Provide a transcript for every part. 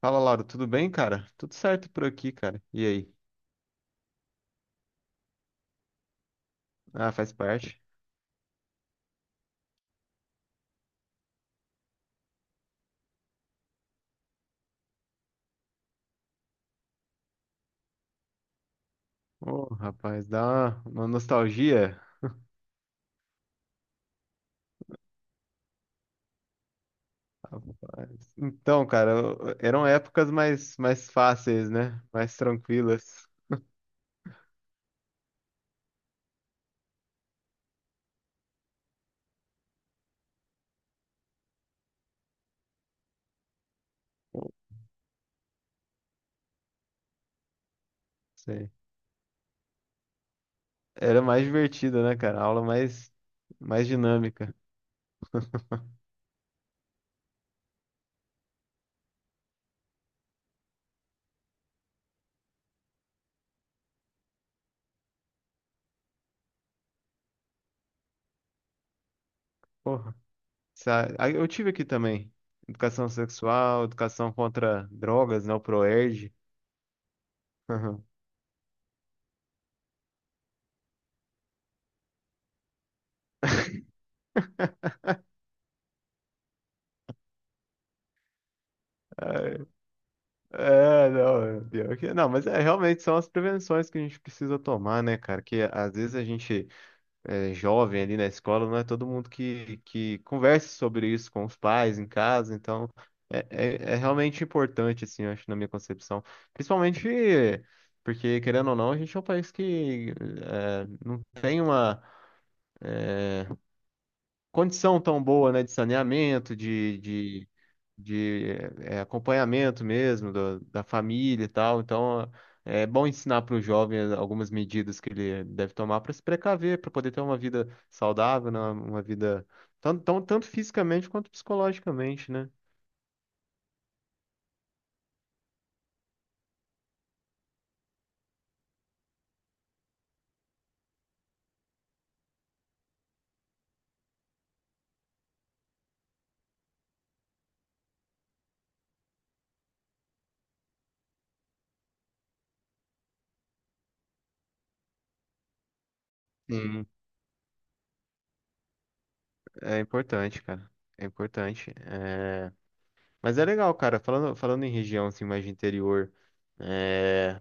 Fala, Lauro, tudo bem, cara? Tudo certo por aqui, cara. E aí? Ah, faz parte. Ô, rapaz, dá uma nostalgia. Rapaz. Então, cara, eram épocas mais fáceis, né? Mais tranquilas. Sei. Era mais divertida, né, cara? A aula mais dinâmica. Porra. Aí eu tive aqui também. Educação sexual, educação contra drogas, né? O ProErd. É, não, pior que, não, mas é realmente são as prevenções que a gente precisa tomar, né, cara? Que às vezes a gente é jovem ali na escola, não é todo mundo que conversa sobre isso com os pais em casa, então é realmente importante, assim, eu acho, na minha concepção. Principalmente porque, querendo ou não, a gente é um país que é, não tem uma condição tão boa, né, de saneamento, de acompanhamento mesmo da família e tal. Então, é bom ensinar para o jovem algumas medidas que ele deve tomar para se precaver, para poder ter uma vida saudável, né, uma vida tanto fisicamente quanto psicologicamente, né? Sim, é importante, cara. É importante. É, mas é legal, cara. Falando em região assim, mais de interior, é...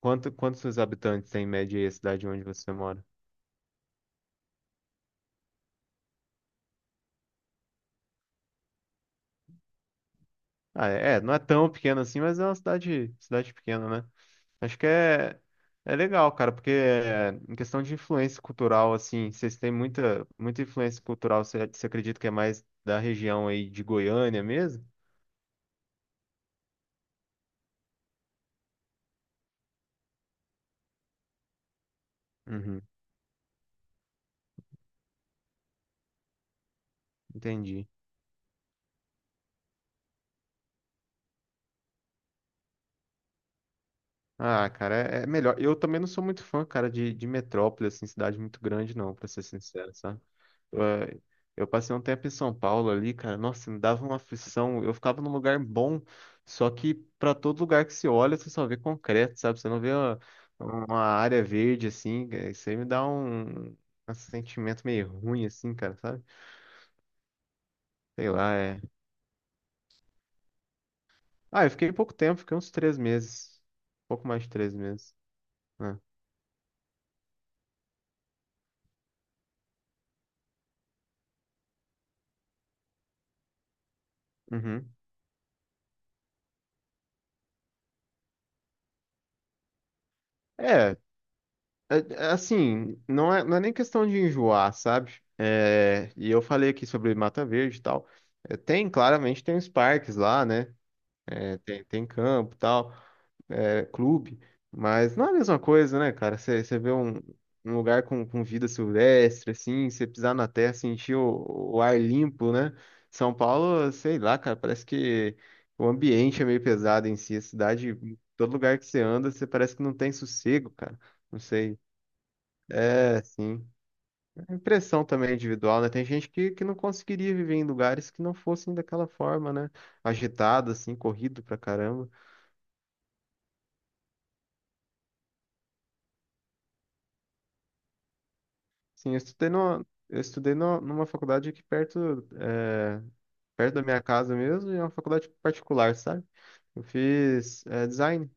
quantos seus habitantes tem em média aí a cidade onde você mora? Ah, é, não é tão pequena assim, mas é uma cidade, cidade pequena, né? Acho que é legal, cara, porque é, em questão de influência cultural, assim, vocês têm muita, muita influência cultural, você acredita que é mais da região aí de Goiânia mesmo? Uhum, entendi. Ah, cara, é melhor. Eu também não sou muito fã, cara, de metrópole, assim, cidade muito grande, não, pra ser sincero, sabe? eh, Eu passei um tempo em São Paulo ali, cara. Nossa, me dava uma aflição. Eu ficava num lugar bom, só que para todo lugar que se olha, você só vê concreto, sabe? Você não vê uma área verde assim. Isso aí me dá um sentimento meio ruim, assim, cara, sabe? Sei lá, é. Ah, eu fiquei pouco tempo, fiquei uns três meses. Pouco mais de três meses. Né? Uhum. É, É assim, não é nem questão de enjoar, sabe? É, e eu falei aqui sobre Mata Verde e tal. É, tem, claramente, tem os parques lá, né? É, tem campo e tal, é, clube. Mas não é a mesma coisa, né, cara? Você vê um lugar com vida silvestre, assim, você pisar na terra, sentir o ar limpo, né? São Paulo, sei lá, cara, parece que o ambiente é meio pesado em si. A cidade, todo lugar que você anda, você parece que não tem sossego, cara. Não sei. É, sim. A impressão também é individual, né? Tem gente que não conseguiria viver em lugares que não fossem daquela forma, né? Agitado, assim, corrido pra caramba. Sim, eu estudei numa faculdade aqui perto, é, perto da minha casa mesmo, e é uma faculdade particular, sabe? Eu fiz, design.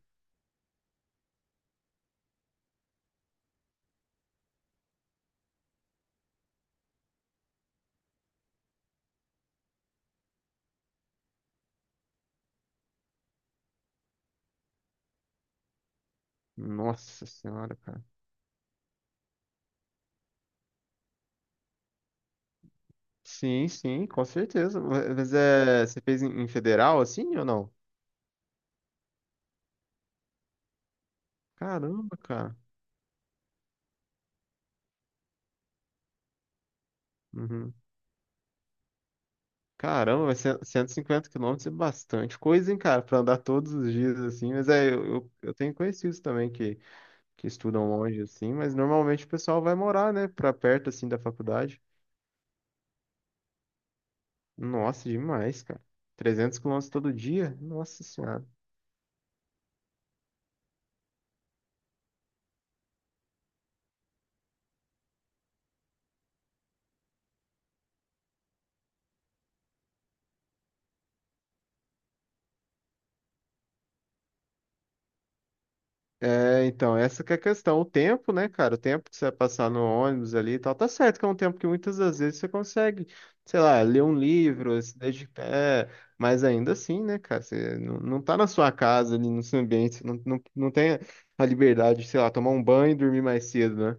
Nossa senhora, cara. Sim, sim, com certeza. Mas é, você fez em federal, assim, ou não? Caramba, cara. Uhum. Caramba, vai ser 150 quilômetros é bastante coisa, hein, cara, pra andar todos os dias, assim. Mas é, eu tenho conhecidos também que estudam longe, assim, mas normalmente o pessoal vai morar, né, pra perto, assim, da faculdade. Nossa, demais, cara. 300 quilômetros todo dia? Nossa senhora. É, então, essa que é a questão. O tempo, né, cara? O tempo que você vai passar no ônibus ali e tal. Tá certo que é um tempo que muitas das vezes você consegue, sei lá, ler um livro, se dedicar. É, mas ainda assim, né, cara? Você não, não tá na sua casa ali, no seu ambiente. Você não, não, não tem a liberdade de, sei lá, tomar um banho e dormir mais cedo, né?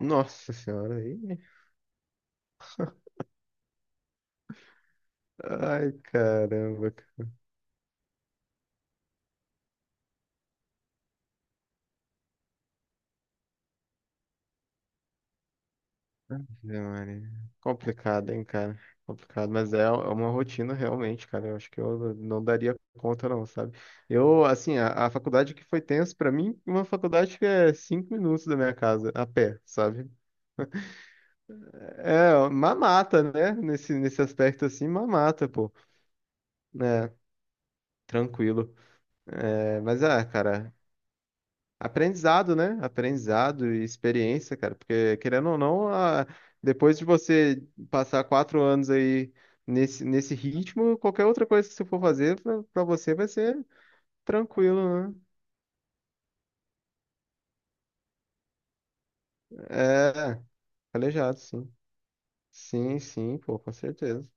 Nossa senhora, aí. Ai, caramba, não, é complicado, hein, cara? Complicado, mas é uma rotina realmente, cara. Eu acho que eu não daria conta, não, sabe? Eu, assim, a faculdade que foi tenso pra mim, uma faculdade que é cinco minutos da minha casa, a pé, sabe? É, mamata, né? Nesse aspecto, assim, mamata, pô. É, tranquilo. É, mas, ah, cara. Aprendizado, né? Aprendizado e experiência, cara, porque querendo ou não, depois de você passar quatro anos aí nesse ritmo, qualquer outra coisa que você for fazer pra você vai ser tranquilo, né? É, calejado, sim. Sim, sim, pô, com certeza.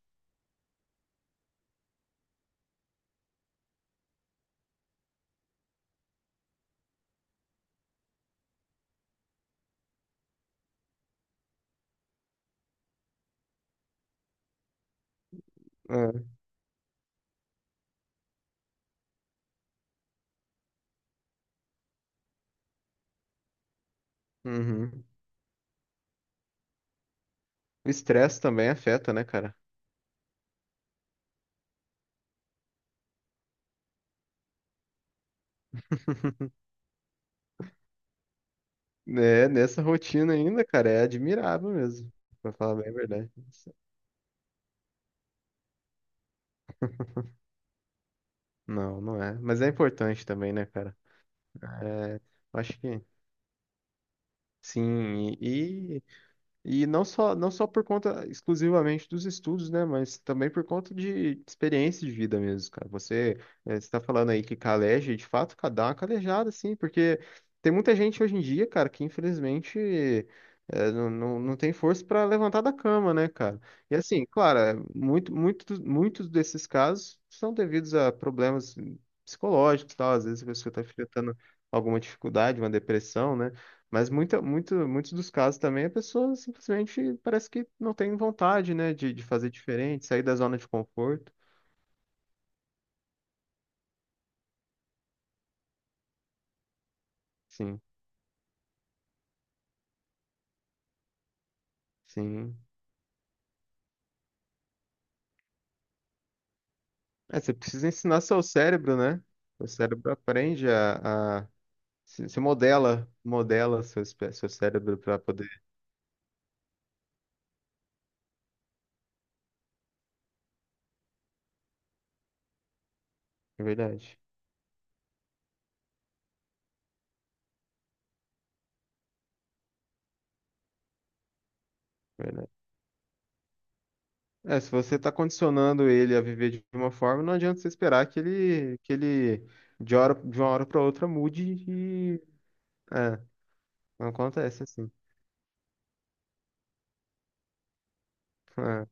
É, uhum. O estresse também afeta, né, cara? É, nessa rotina ainda, cara, é admirável mesmo, pra falar bem a verdade. Não, não é. Mas é importante também, né, cara? É, eu acho que. Sim, e não só, não só por conta exclusivamente dos estudos, né, mas também por conta de experiência de vida mesmo, cara. Você está falando aí que caleja, e de fato, dá uma calejada, assim, porque tem muita gente hoje em dia, cara, que infelizmente não, não, não tem força para levantar da cama, né, cara? E assim, claro, é, muitos desses casos são devidos a problemas psicológicos, e tal, às vezes a pessoa está enfrentando alguma dificuldade, uma depressão, né? Mas muitos dos casos também a pessoa simplesmente parece que não tem vontade, né, de fazer diferente, sair da zona de conforto. Sim, sim. É, você precisa ensinar seu cérebro, né? O cérebro aprende a se modela seu cérebro para poder. É verdade, é verdade. É, se você está condicionando ele a viver de uma forma, não adianta você esperar que ele, de uma hora para outra mude e. É, não acontece assim. É.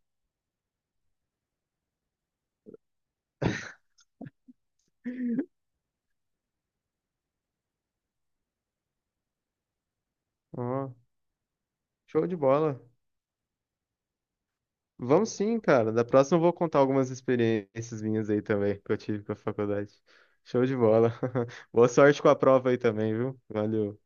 Ó. Show de bola. Vamos sim, cara. Da próxima eu vou contar algumas experiências minhas aí também, que eu tive com a faculdade. Show de bola. Boa sorte com a prova aí também, viu? Valeu.